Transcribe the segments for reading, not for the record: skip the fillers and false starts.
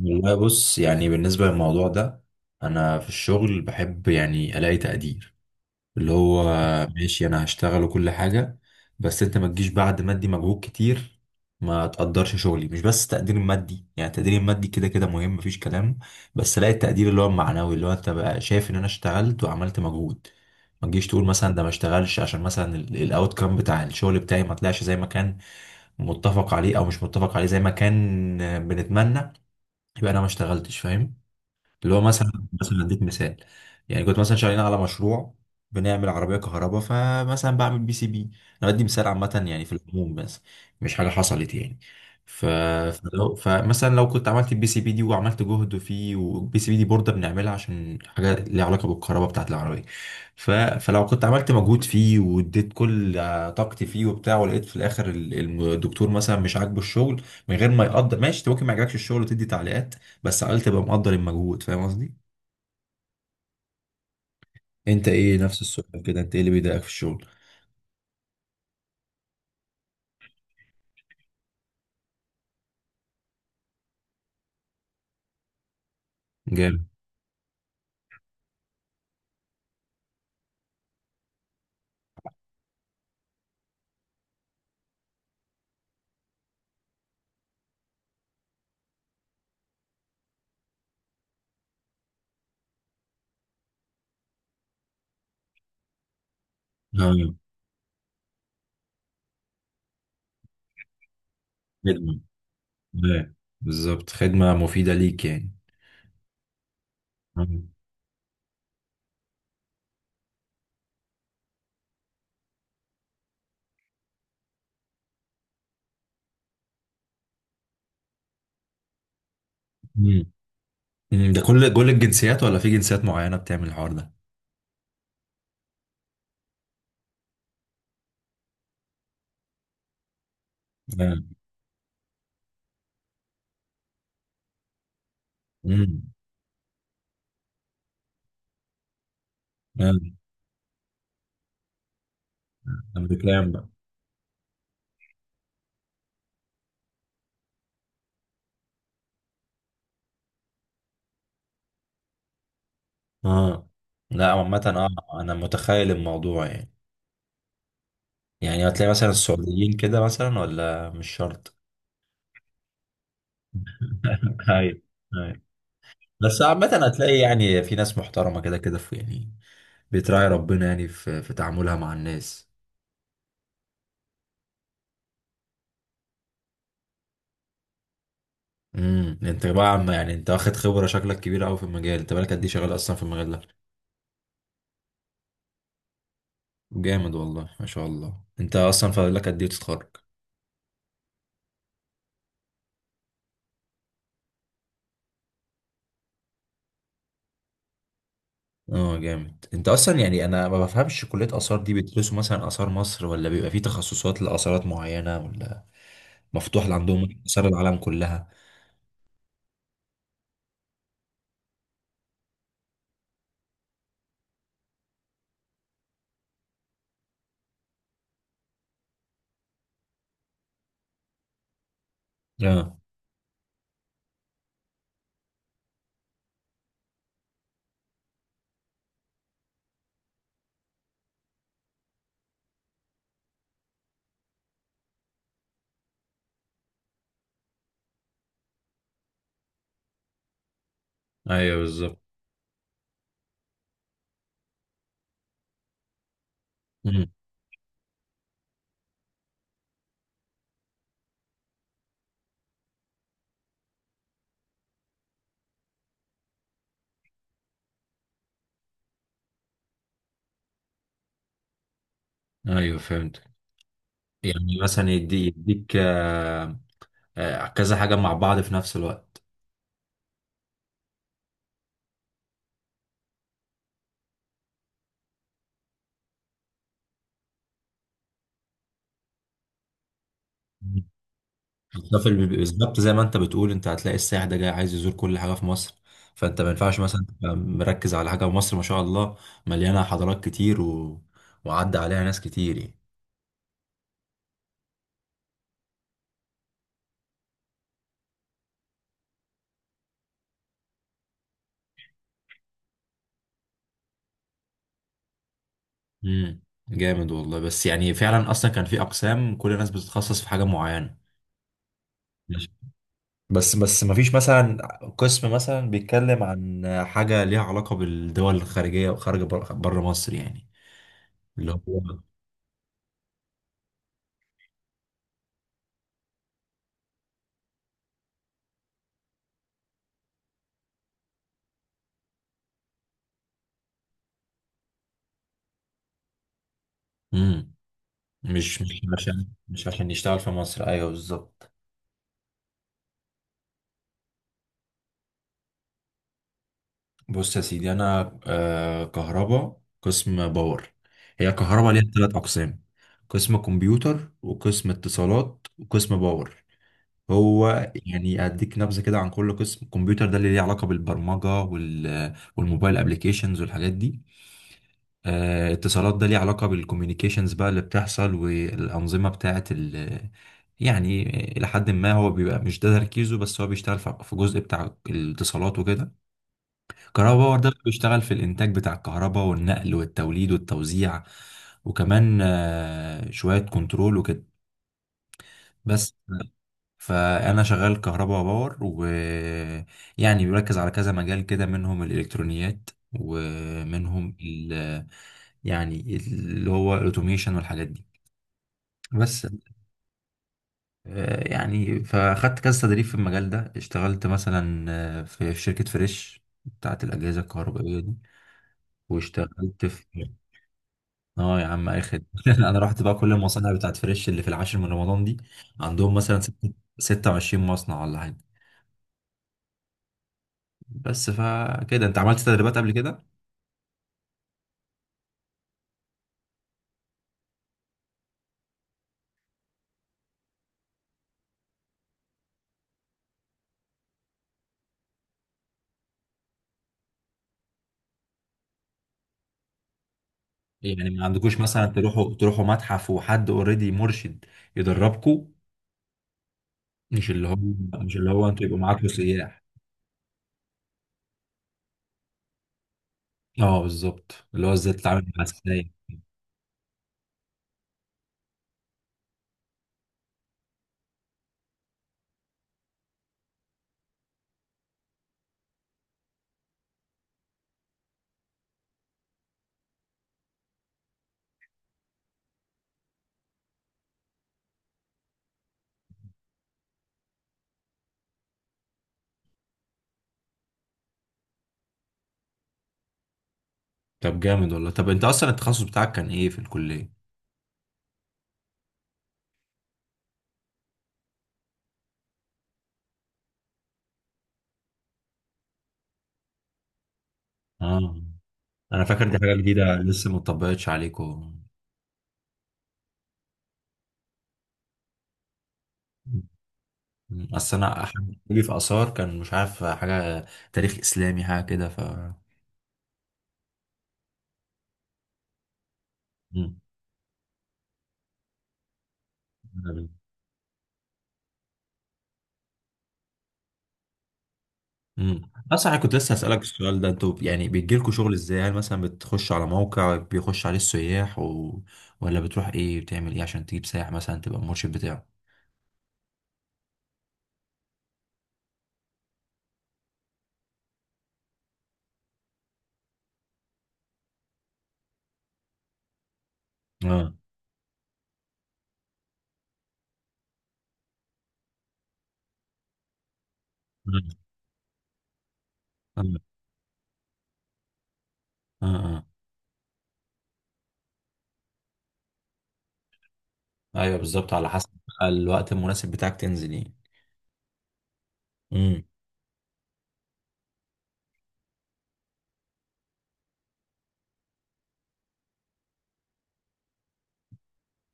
والله، بص يعني بالنسبة للموضوع ده أنا في الشغل بحب يعني ألاقي تقدير اللي هو ماشي. أنا هشتغل وكل حاجة، بس أنت ما تجيش بعد ما أدي مجهود كتير ما تقدرش شغلي. مش بس تقدير مادي، يعني التقدير المادي كده كده مهم مفيش كلام، بس ألاقي التقدير اللي هو المعنوي، اللي هو أنت بقى شايف إن أنا اشتغلت وعملت مجهود. ما تجيش تقول مثلا ده ما اشتغلش عشان مثلا الاوت كام بتاع الشغل بتاعي ما طلعش زي ما كان متفق عليه او مش متفق عليه زي ما كان بنتمنى، يبقى انا ما اشتغلتش. فاهم؟ اللي هو مثلا، مثلا اديك مثال. يعني كنت مثلا شغالين على مشروع، بنعمل عربيه كهرباء، فمثلا بعمل بي سي بي. انا بدي مثال عامه يعني في العموم بس، مش حاجه حصلت يعني. ف... فمثلا لو كنت عملت البي سي بي دي وعملت جهد فيه، والبي سي بي دي بورده بنعملها عشان حاجه ليها علاقه بالكهرباء بتاعت العربيه. فلو كنت عملت مجهود فيه واديت كل طاقتي فيه وبتاع، ولقيت في الاخر الدكتور مثلا مش عاجبه الشغل من غير ما يقدر. ماشي، انت ممكن ما يعجبكش الشغل وتدي تعليقات، بس على الأقل تبقى مقدر المجهود. فاهم قصدي؟ انت ايه، نفس السؤال كده، انت ايه اللي بيضايقك في الشغل؟ جامد. آه، خدمة. آه، بالظبط، خدمة مفيدة ليك يعني. آه. مم. مم، ده كل الجنسيات ولا في جنسيات معينة بتعمل الحوار ده؟ آه. مم. آه. امريكان بقى؟ اه، لا عامة. اه، انا متخيل الموضوع يعني. يعني هتلاقي مثلا السعوديين كده مثلا، ولا مش شرط. هاي. بس عامة هتلاقي يعني في ناس محترمة كده كده، في يعني بتراعي ربنا يعني في تعاملها مع الناس. امم، انت بقى عم، يعني انت واخد خبرة شكلك كبيرة قوي في المجال. انت بقالك قد ايه شغال اصلا في المجال ده؟ جامد والله، ما شاء الله. انت اصلا فاضل لك قد ايه تتخرج؟ اه، جامد. انت اصلا يعني انا ما بفهمش، كلية آثار دي بيدرسوا مثلا آثار مصر ولا بيبقى في تخصصات لآثارات معينة، ولا مفتوح لعندهم آثار العالم كلها؟ اه، ايوه بالظبط. امم، ايوه فهمت. يعني مثلا يديك كذا حاجة مع بعض في نفس الوقت. مم. بالظبط بالظبط، زي ما انت بتقول، انت هتلاقي السائح ده جاي عايز يزور كل حاجة في مصر، فانت ما ينفعش مثلا تبقى مركز على حاجة. مصر ما شاء الله مليانة حضارات كتير، وعدى عليها ناس كتير يعني. امم، جامد والله. بس يعني فعلا اصلا كان في اقسام كل الناس بتتخصص في حاجة معينة. ماشي. بس ما فيش مثلا قسم مثلا بيتكلم عن حاجة ليها علاقة بالدول الخارجية وخارج بره مصر يعني. اللي هو، امم، مش عشان يشتغل في مصر؟ ايوه بالظبط. بص يا سيدي، انا كهرباء، قسم باور. هي كهرباء ليها ثلاث اقسام: قسم كمبيوتر وقسم اتصالات وقسم باور. هو يعني اديك نبذه كده عن كل قسم. الكمبيوتر ده اللي ليه علاقه بالبرمجه والموبايل ابلكيشنز والحاجات دي. اتصالات ده ليه علاقه بالكوميونيكيشنز بقى اللي بتحصل والانظمه بتاعه يعني الى حد ما هو بيبقى مش ده تركيزه، بس هو بيشتغل في جزء بتاع الاتصالات وكده. كهرباء باور ده بيشتغل في الانتاج بتاع الكهرباء والنقل والتوليد والتوزيع، وكمان شويه كنترول وكده بس. فانا شغال كهرباء باور ويعني بيركز على كذا مجال كده، منهم الالكترونيات ومنهم يعني اللي هو الاوتوميشن والحاجات دي بس. يعني فاخدت كذا تدريب في المجال ده. اشتغلت مثلا في شركة فريش بتاعت الأجهزة الكهربائية دي، واشتغلت في. اه يا عم اخد انا رحت بقى كل المصانع بتاعت فريش اللي في العاشر من رمضان دي. عندهم مثلا 26 مصنع ولا حاجة. بس فكده، انت عملت تدريبات قبل كده؟ يعني ما عندكوش مثلا تروحوا متحف وحد اوريدي مرشد يدربكوا؟ مش اللي هو مش اللي هو انتوا يبقوا معاكوا سياح. اه بالظبط، اللي هو ازاي تتعامل مع السياح. طب جامد والله. طب انت اصلا التخصص بتاعك كان ايه في الكلية؟ اه، انا فاكر دي حاجة جديدة لسه ما اتطبقتش عليكم. اصل انا حد في اثار كان مش عارف حاجة، تاريخ اسلامي حاجة كده مم. امم، اصلا انا كنت لسه هسألك السؤال ده، انتوا يعني بيجيلكوا شغل ازاي؟ هل مثلا بتخش على موقع بيخش عليه السياح ولا بتروح ايه، بتعمل ايه عشان تجيب سائح مثلا تبقى المرشد بتاعه؟ اه، اه، اه، اه، ايوه بالظبط، على حسب بقى الوقت المناسب بتاعك تنزل ايه. امم.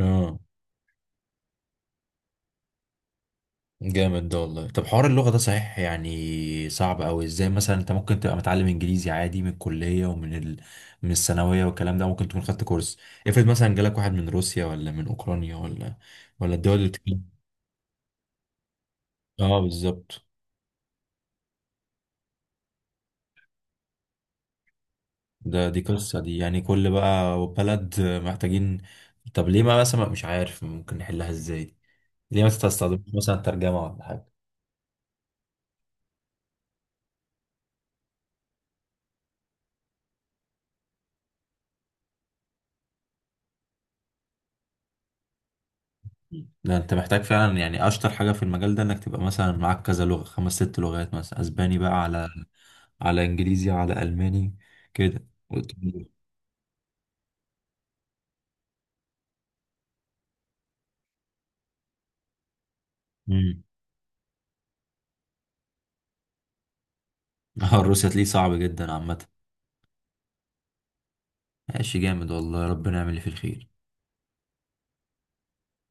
اه، جامد ده والله. طب حوار اللغة ده صحيح يعني صعب أوي. ازاي مثلا انت ممكن تبقى متعلم انجليزي عادي من الكلية من الثانوية والكلام ده، ممكن تكون خدت كورس. افرض مثلا جالك واحد من روسيا ولا من اوكرانيا ولا الدول اللي بتتكلم. اه بالظبط، ده دي قصة، دي يعني كل بقى بلد محتاجين. طب ليه ما مثلا مش عارف ممكن نحلها ازاي؟ ليه ما تستخدمش مثلا ترجمة ولا حاجة؟ ده انت محتاج فعلا يعني اشطر حاجة في المجال ده، انك تبقى مثلا معاك كذا لغة، خمس ست لغات مثلا، اسباني بقى على انجليزي على الماني كده. امم. اه، الروسي هتلاقيه صعب جدا عامه. ماشي، جامد والله، ربنا يعمل اللي فيه الخير.